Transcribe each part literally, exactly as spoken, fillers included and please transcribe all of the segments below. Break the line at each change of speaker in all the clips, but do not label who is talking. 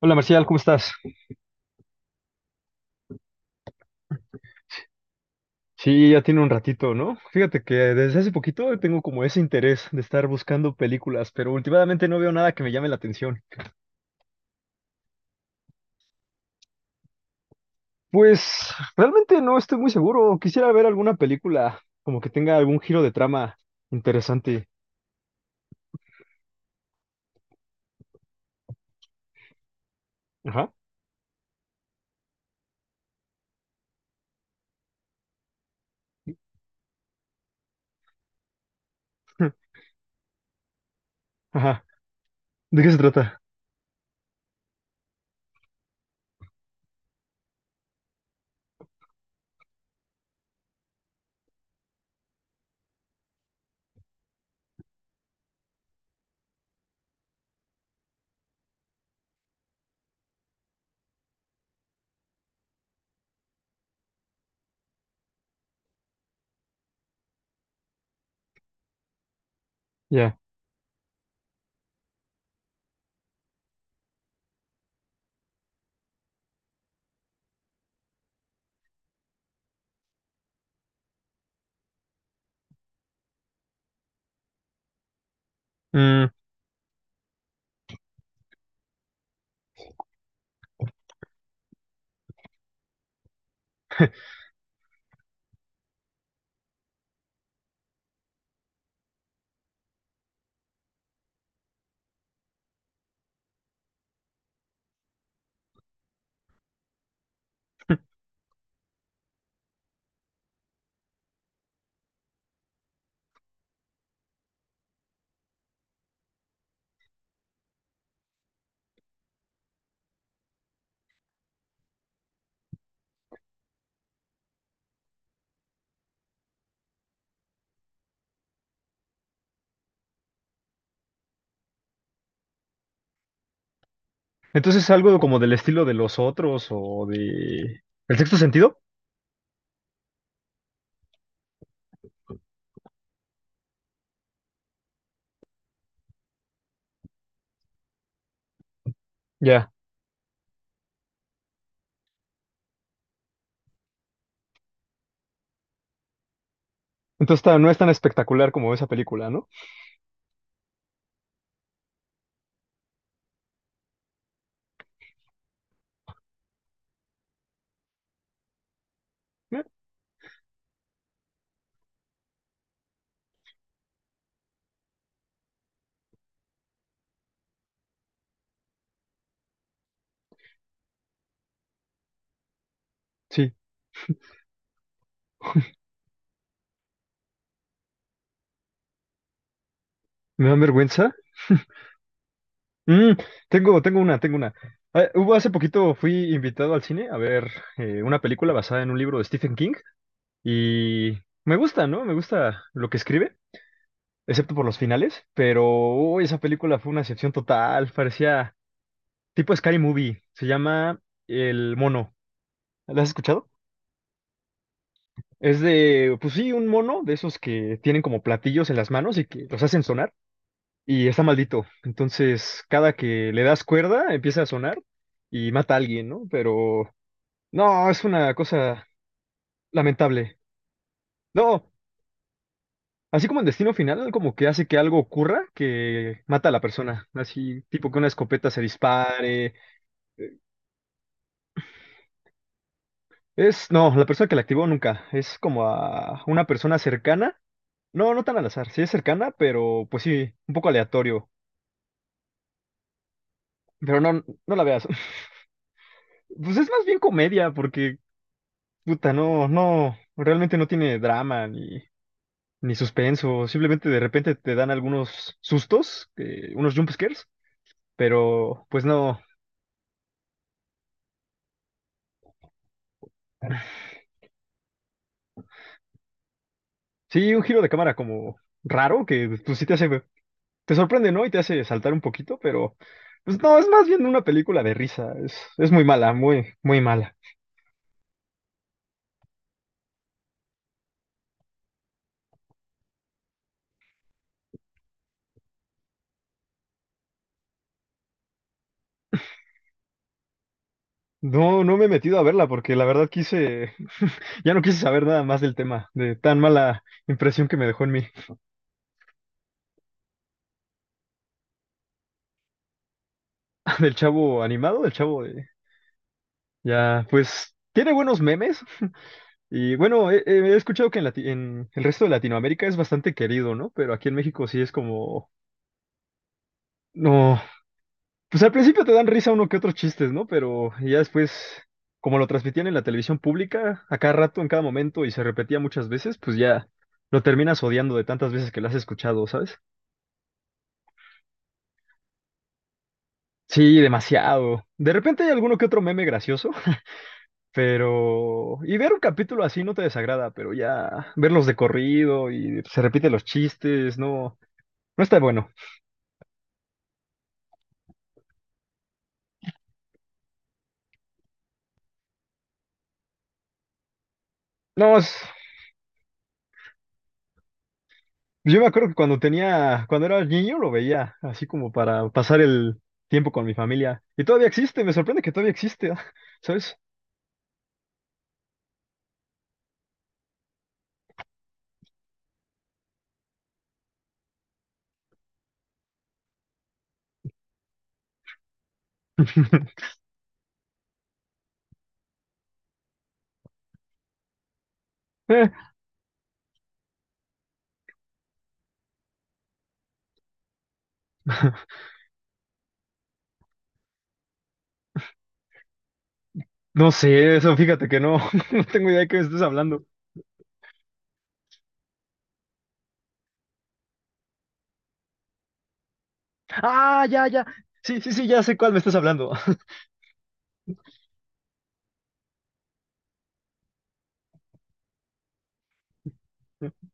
Hola Marcial, ¿cómo estás? Sí, ya tiene un ratito, ¿no? Fíjate que desde hace poquito tengo como ese interés de estar buscando películas, pero últimamente no veo nada que me llame la atención. Pues realmente no estoy muy seguro. Quisiera ver alguna película como que tenga algún giro de trama interesante. Ajá. Ajá. ¿De qué se trata? Ya. Mm, entonces algo como del estilo de los otros o de... ¿El sexto sentido? Ya. Entonces ta- no es tan espectacular como esa película, ¿no? Eh, Sí. ¿Me da vergüenza? Mm, tengo, tengo una, tengo una. Ah, hubo hace poquito fui invitado al cine a ver eh, una película basada en un libro de Stephen King y me gusta, ¿no? Me gusta lo que escribe, excepto por los finales, pero uy, esa película fue una excepción total, parecía tipo Scary Movie, se llama El Mono. ¿La has escuchado? Es de, pues sí, un mono de esos que tienen como platillos en las manos y que los hacen sonar y está maldito. Entonces, cada que le das cuerda empieza a sonar y mata a alguien, ¿no? Pero no, es una cosa lamentable. No, así como en Destino Final, como que hace que algo ocurra que mata a la persona. Así, tipo que una escopeta se dispare. Es, no, la persona que la activó nunca. Es como a una persona cercana. No, no tan al azar. Sí es cercana, pero pues sí, un poco aleatorio. Pero no, no la veas. Pues es más bien comedia, porque, puta, no, no, realmente no tiene drama ni, ni suspenso. Simplemente de repente te dan algunos sustos, eh, unos jump scares. Pero pues no. Sí, un giro de cámara como raro, que pues sí te hace, te sorprende, ¿no? Y te hace saltar un poquito, pero pues no, es más bien una película de risa. Es, es muy mala, muy, muy mala. No, no me he metido a verla porque la verdad quise, ya no quise saber nada más del tema, de tan mala impresión que me dejó en mí. Del chavo animado, del chavo de, ya, pues tiene buenos memes. Y bueno, he, he he escuchado que en, Lati- en el resto de Latinoamérica es bastante querido, ¿no? Pero aquí en México sí es como, no. Pues al principio te dan risa uno que otros chistes, ¿no? Pero ya después, como lo transmitían en la televisión pública, a cada rato, en cada momento, y se repetía muchas veces, pues ya lo terminas odiando de tantas veces que lo has escuchado, ¿sabes? Sí, demasiado. De repente hay alguno que otro meme gracioso, pero... Y ver un capítulo así no te desagrada, pero ya verlos de corrido y se repiten los chistes, no, no está bueno. No, es... Yo me acuerdo que cuando tenía, cuando era niño lo veía, así como para pasar el tiempo con mi familia. Y todavía existe, me sorprende que todavía existe, ¿sabes? Eh, no sé, eso fíjate que no, no tengo idea de qué me estás hablando. Ah, ya, ya. Sí, sí, sí, ya sé cuál me estás hablando.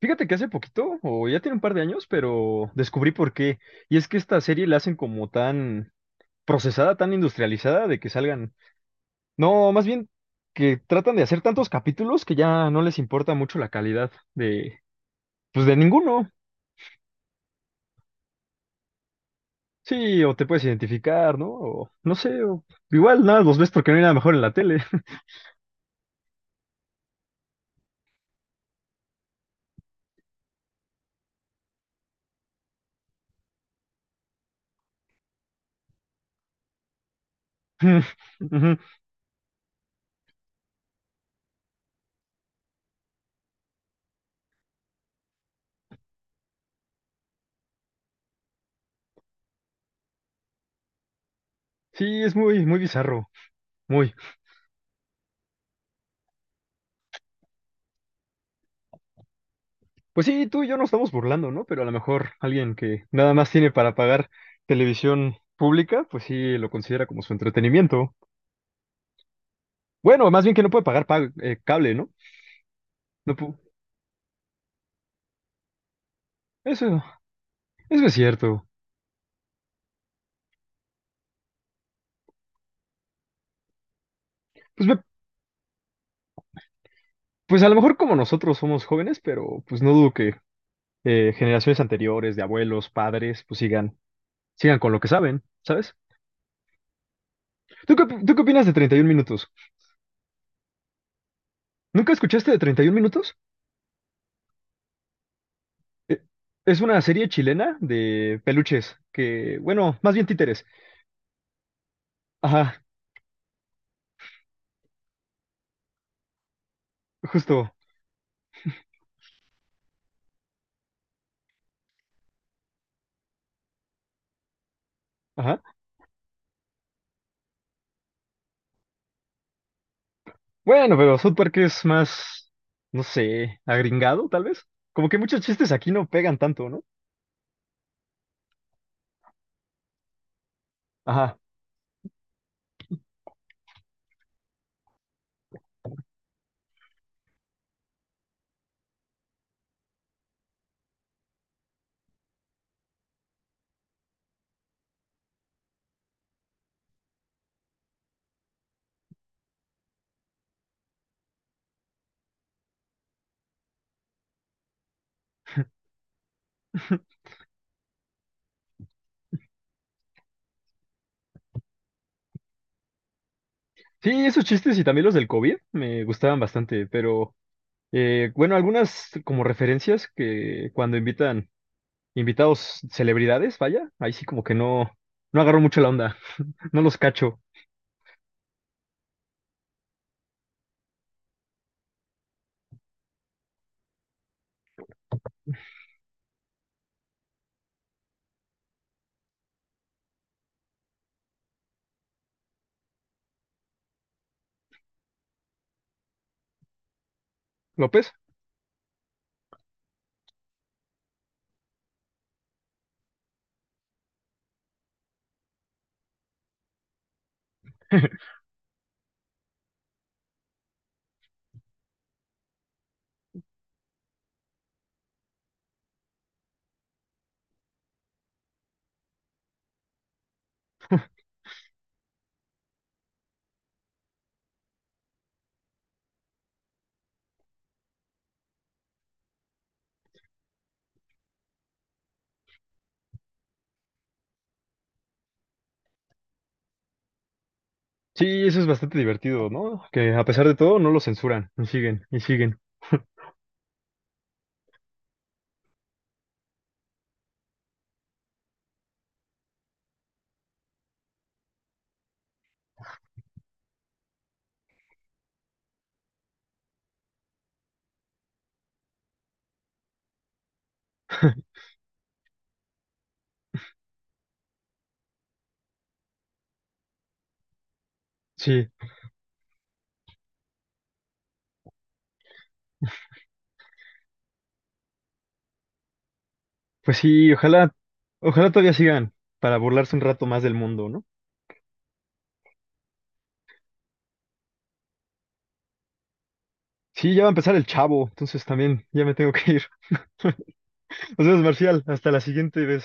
Fíjate que hace poquito, o ya tiene un par de años, pero descubrí por qué. Y es que esta serie la hacen como tan procesada, tan industrializada, de que salgan... No, más bien que tratan de hacer tantos capítulos que ya no les importa mucho la calidad de, pues de ninguno. Sí, o te puedes identificar, ¿no? O no sé, o igual nada, los ves porque no hay nada mejor en la tele. Ujú. Sí, es muy, muy bizarro, muy. Pues sí, tú y yo nos estamos burlando, ¿no? Pero a lo mejor alguien que nada más tiene para pagar televisión pública, pues sí lo considera como su entretenimiento. Bueno, más bien que no puede pagar pa- eh, cable, ¿no? No pu-, Eso, eso es cierto. Pues me... Pues a lo mejor como nosotros somos jóvenes, pero pues no dudo que eh, generaciones anteriores, de abuelos, padres, pues sigan, sigan con lo que saben, ¿sabes? ¿Tú qué, op- tú qué opinas de treinta y uno minutos? ¿Nunca escuchaste de treinta y uno minutos? Eh, es una serie chilena de peluches que, bueno, más bien títeres. Ajá, justo. Ajá. Bueno, pero South Park es más, no sé, agringado, tal vez. Como que muchos chistes aquí no pegan tanto, ¿no? Ajá. Sí, esos chistes y también los del COVID me gustaban bastante, pero... Eh, bueno, algunas como referencias que cuando invitan invitados celebridades, vaya, ahí sí como que no, no agarro mucho la onda, no los cacho. ¿López? Sí, eso es bastante divertido, ¿no? Que a pesar de todo no lo censuran, y siguen, y siguen. Sí, pues sí, ojalá, ojalá todavía sigan para burlarse un rato más del mundo, ¿no? Sí, ya va a empezar el chavo, entonces también ya me tengo que ir. Nos vemos, Marcial, hasta la siguiente vez.